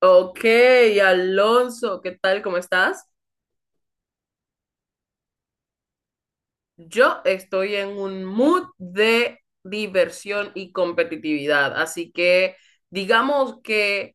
Ok, Alonso, ¿qué tal? ¿Cómo estás? Yo estoy en un mood de diversión y competitividad, así que digamos que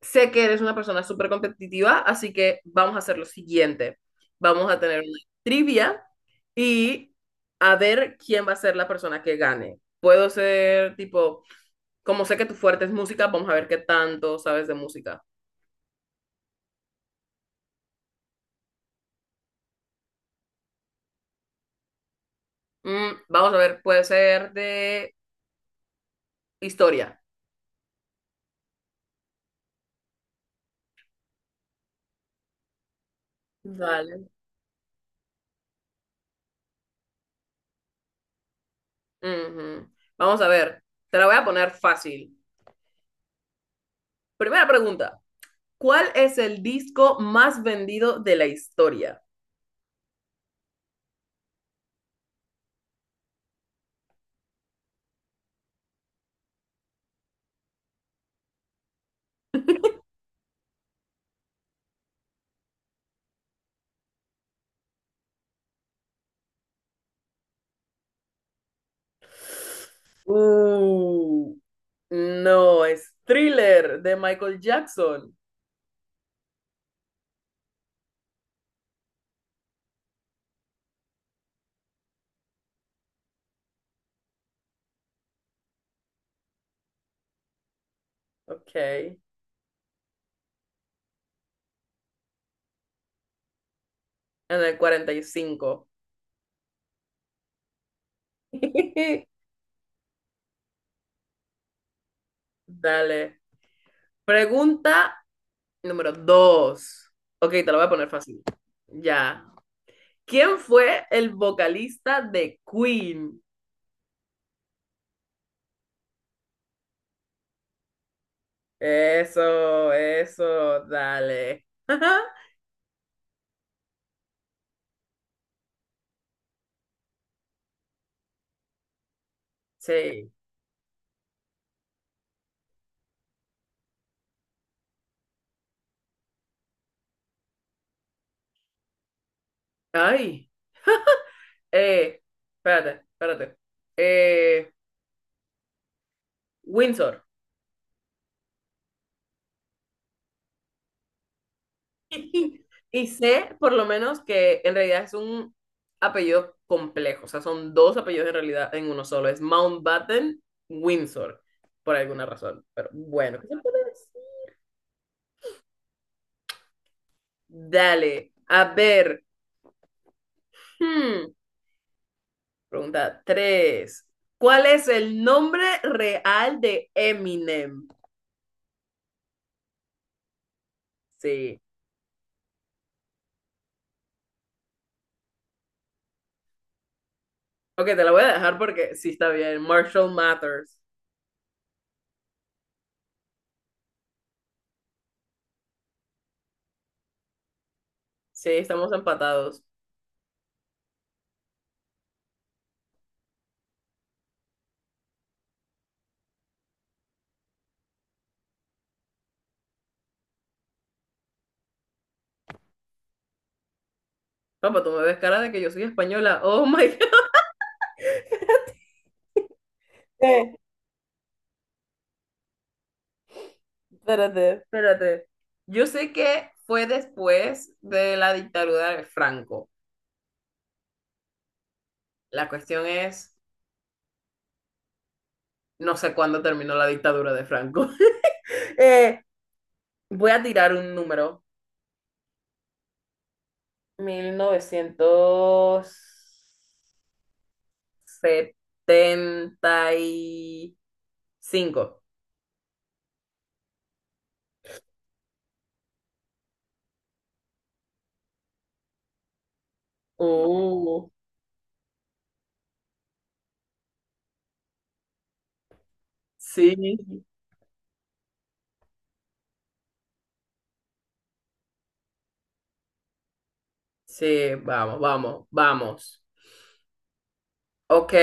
sé que eres una persona súper competitiva, así que vamos a hacer lo siguiente. Vamos a tener una trivia y a ver quién va a ser la persona que gane. Puedo ser tipo, como sé que tu fuerte es música, vamos a ver qué tanto sabes de música. Vamos a ver, puede ser de historia. Vale. Ujú. Vamos a ver, te la voy a poner fácil. Primera pregunta, ¿cuál es el disco más vendido de la historia? Uh, no, es Thriller de Michael Jackson. Ok, en el 45 Dale. Pregunta número dos. Ok, te la voy a poner fácil. Ya. ¿Quién fue el vocalista de Queen? Eso, dale. Sí. Ay, eh, espérate, espérate. Eh, Windsor. Y sé, por lo menos, que en realidad es un apellido complejo. O sea, son dos apellidos en realidad en uno solo. Es Mountbatten, Windsor, por alguna razón. Pero bueno, ¿qué se puede decir? Dale, a ver. hmm, Pregunta tres. ¿Cuál es el nombre real de Eminem? Sí. Ok, te la voy a dejar porque sí está bien. Marshall Matters. Sí, estamos empatados. Papá, tú me ves cara de que yo soy española. Oh my God. Eh, Espérate. Espérate. Yo sé que fue después de la dictadura de Franco. La cuestión es, no sé cuándo terminó la dictadura de Franco. Eh, Voy a tirar un número. 1975. Uh. Sí, sí, vamos, vamos, vamos. Ok,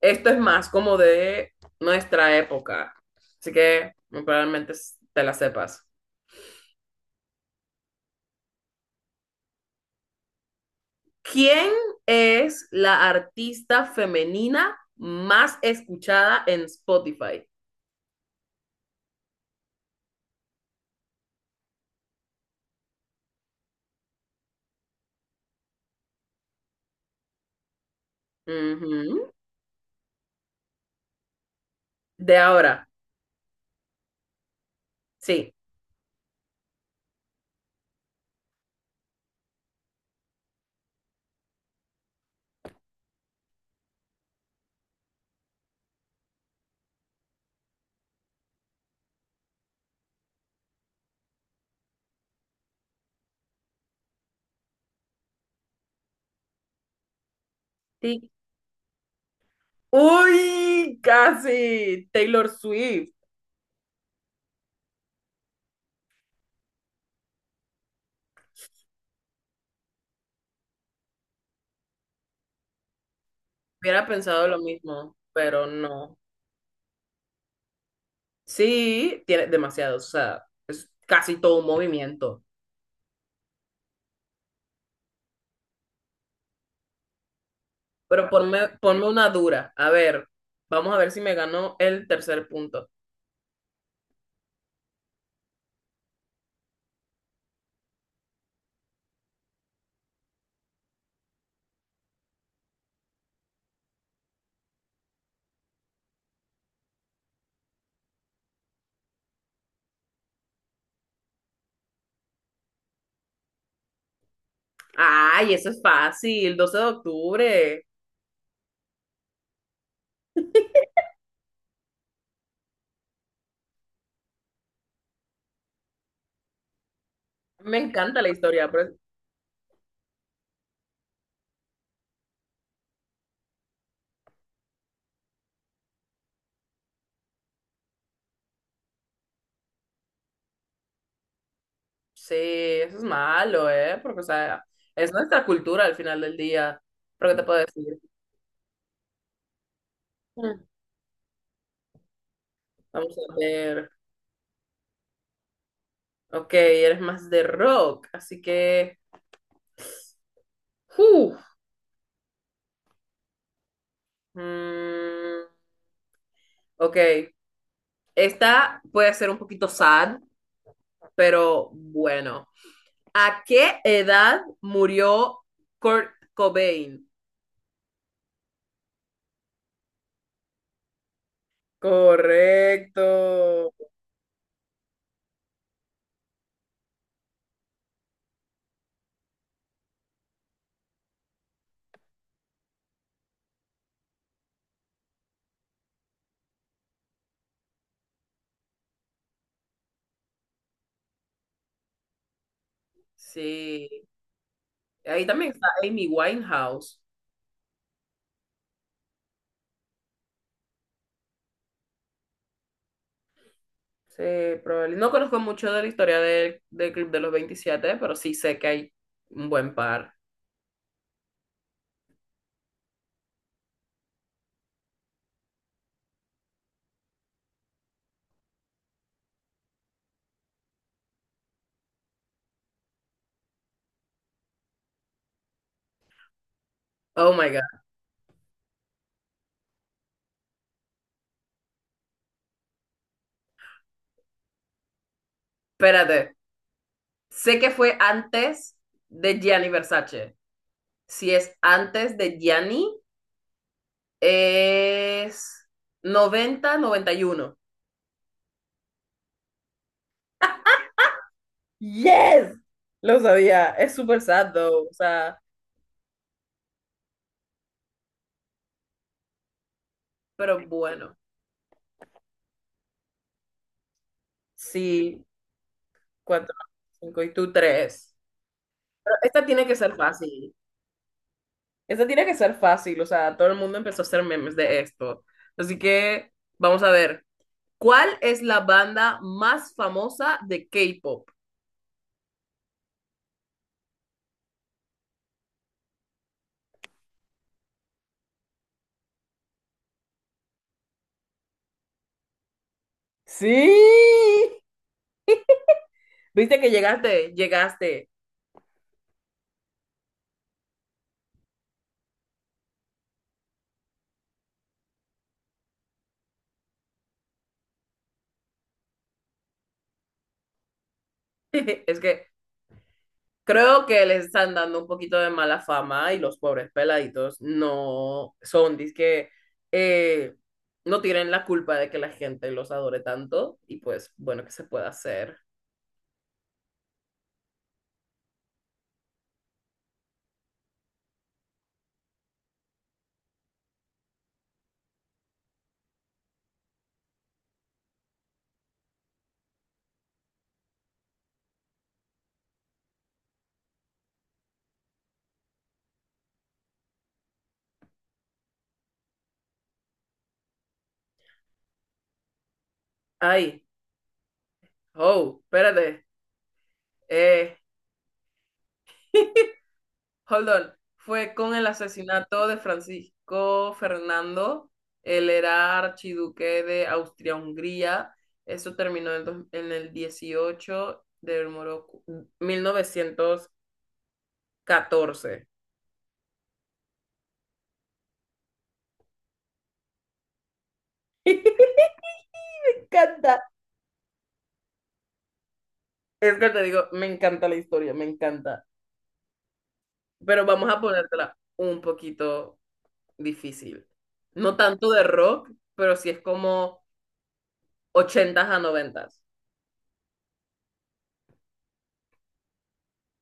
esto es más como de nuestra época, así que muy probablemente te la sepas. ¿Quién es la artista femenina más escuchada en Spotify? Ujú. De ahora, sí. Sí. Uy, casi. Taylor Swift. Hubiera pensado lo mismo, pero no. Sí, tiene demasiados, o sea, es casi todo un movimiento. Pero ponme una dura. A ver, vamos a ver si me ganó el tercer punto. Ay, eso es fácil, 12 de octubre. Me encanta la historia, pero sí, eso es malo, ¿eh? Porque, o sea, es nuestra cultura al final del día. Pero, ¿qué te puedo decir? Mm. Vamos a ver. Ok, eres más de rock, así que... ¡Uf! Mm, ok, esta puede ser un poquito sad, pero bueno. ¿A qué edad murió Kurt Cobain? Correcto. Sí. Ahí también está Amy Winehouse. Sí, probablemente. No conozco mucho de la historia del Club de los 27, pero sí sé que hay un buen par. Oh my God. Espérate. Sé que fue antes de Gianni Versace. Si es antes de Gianni, es noventa noventa y uno. Yes, lo sabía. Es súper sad, though. O sea, pero bueno, sí, cuatro, cinco y tú tres. Pero esta tiene que ser fácil. Esta tiene que ser fácil. O sea, todo el mundo empezó a hacer memes de esto. Así que vamos a ver. ¿Cuál es la banda más famosa de K-pop? Sí. Viste que llegaste, llegaste. Es que creo que les están dando un poquito de mala fama y los pobres peladitos no son, que no tienen la culpa de que la gente los adore tanto y pues bueno, ¿qué se puede hacer? Ay, oh, espérate, eh, hold on, fue con el asesinato de Francisco Fernando, él era archiduque de Austria-Hungría, eso terminó en, en el 18 de 1914. Me encanta. Es que te digo, me encanta la historia, me encanta. Pero vamos a ponértela un poquito difícil. No tanto de rock, pero sí es como ochentas a noventas.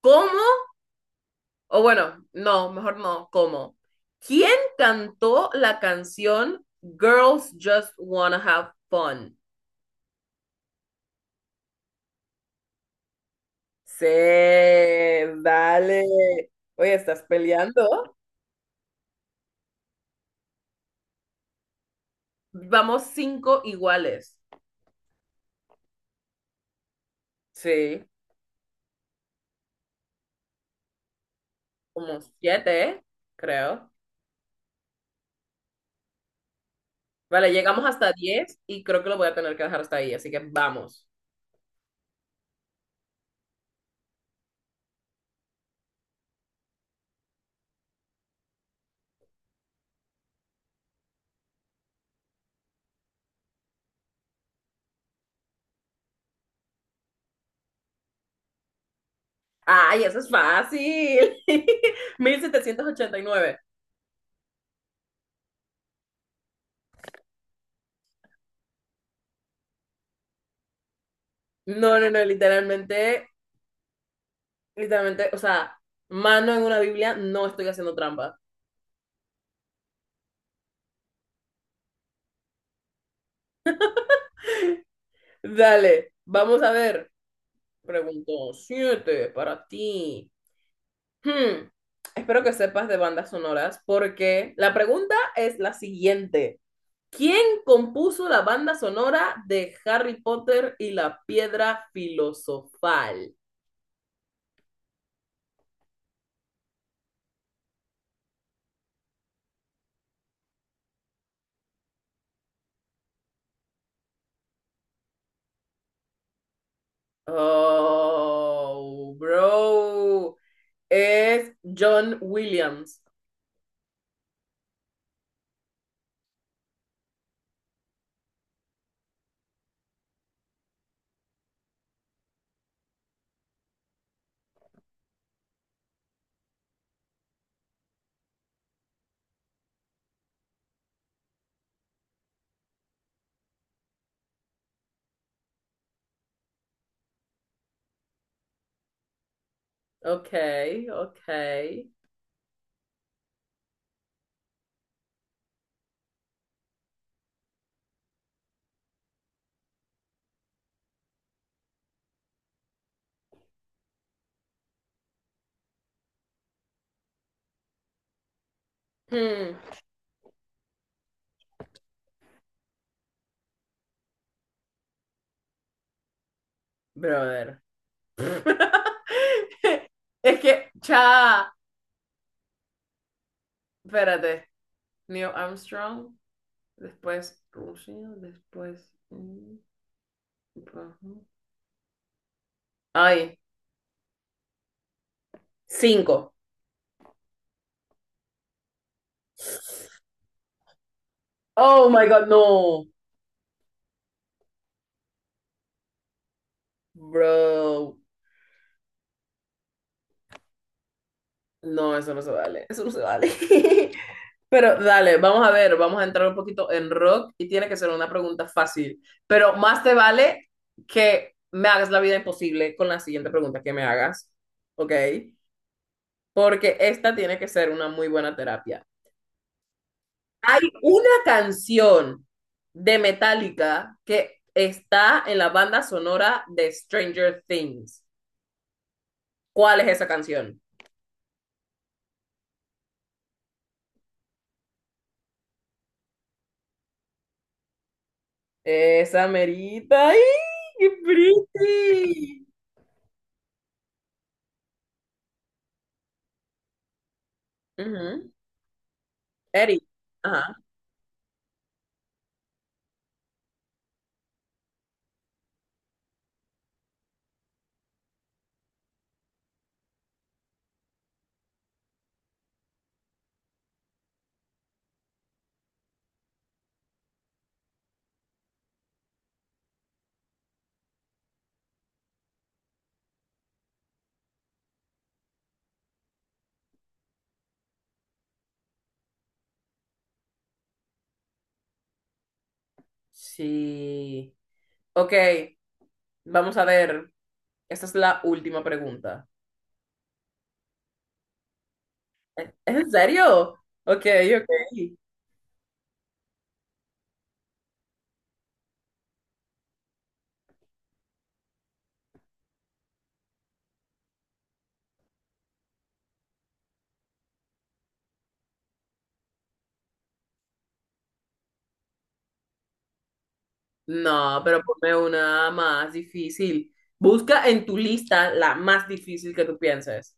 ¿Cómo? O bueno, no, mejor no, ¿cómo? ¿Quién cantó la canción Girls Just Wanna Have Fun? Sí, dale. Oye, ¿estás peleando? Vamos cinco iguales. Sí. Como siete, creo. Vale, llegamos hasta 10 y creo que lo voy a tener que dejar hasta ahí, así que vamos. ¡Ay, eso es fácil! 1789. No, no, no, literalmente, literalmente, o sea, mano en una Biblia, no estoy haciendo trampa. Dale, vamos a ver. Pregunto siete para ti. Hmm, Espero que sepas de bandas sonoras porque la pregunta es la siguiente. ¿Quién compuso la banda sonora de Harry Potter y la piedra filosofal? Oh, bro. Es John Williams. Ok, ok. Hmm, brother. Es que, cha, espérate. Neil Armstrong, después Rusia, después. Ay, cinco. Oh my God, no. Bro, no, eso no se vale, eso no se vale. Pero dale, vamos a ver, vamos a entrar un poquito en rock y tiene que ser una pregunta fácil, pero más te vale que me hagas la vida imposible con la siguiente pregunta que me hagas, ¿ok? Porque esta tiene que ser una muy buena terapia. Hay una canción de Metallica que está en la banda sonora de Stranger Things. ¿Cuál es esa canción? Esa merita. ¡Ay, qué pretty! Ujú. Eri. Ajá. Sí. Ok, vamos a ver. Esta es la última pregunta. ¿Es en serio? Ok, ok. No, pero ponme una más difícil. Busca en tu lista la más difícil que tú pienses.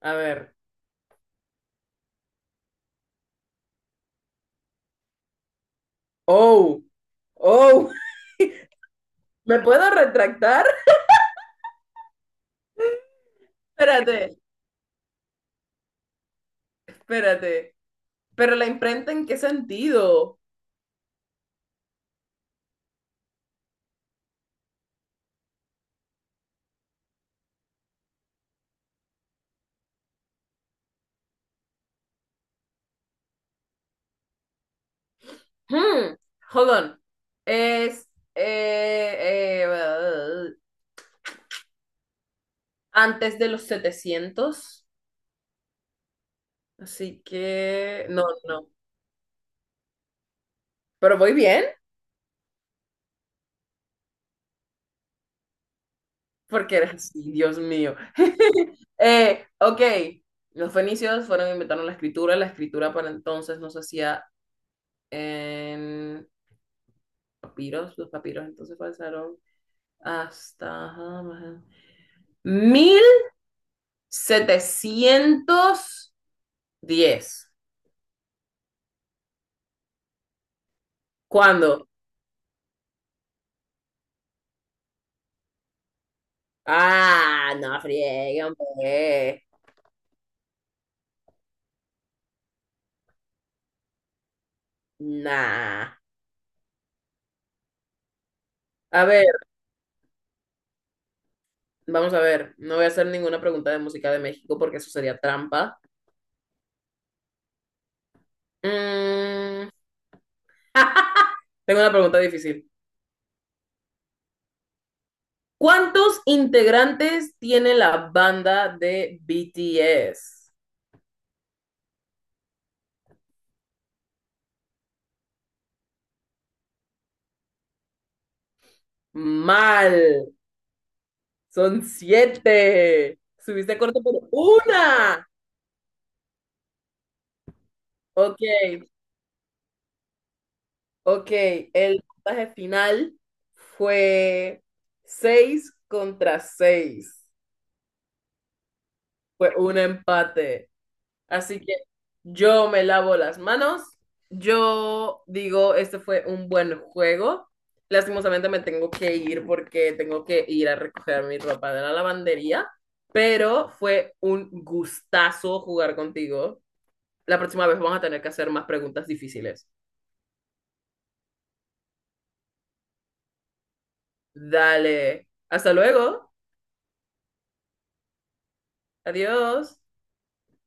A ver. Oh, oh. ¿Me puedo retractar? Espérate, espérate. ¿Pero la imprenta en qué sentido? Hmm, hold on. Es eh, eh, uh, antes de los 700, así que no, no. Pero voy bien, porque eres así, Dios mío. Ok, los fenicios fueron e inventaron la escritura. La escritura para entonces no se hacía en papiros. Los papiros entonces pasaron hasta ajá, 1710. ¿Cuándo? Ah, no friegue, hombre. Nah. A ver, vamos a ver. No voy a hacer ninguna pregunta de música de México porque eso sería trampa. Mm, Tengo una pregunta difícil. ¿Cuántos integrantes tiene la banda de BTS? Mal. Son siete. Subiste corto por una. Ok, ok. El puntaje final fue seis contra seis. Fue un empate. Así que yo me lavo las manos. Yo digo, este fue un buen juego. Lastimosamente me tengo que ir porque tengo que ir a recoger mi ropa de la lavandería, pero fue un gustazo jugar contigo. La próxima vez vamos a tener que hacer más preguntas difíciles. Dale. Hasta luego. Adiós.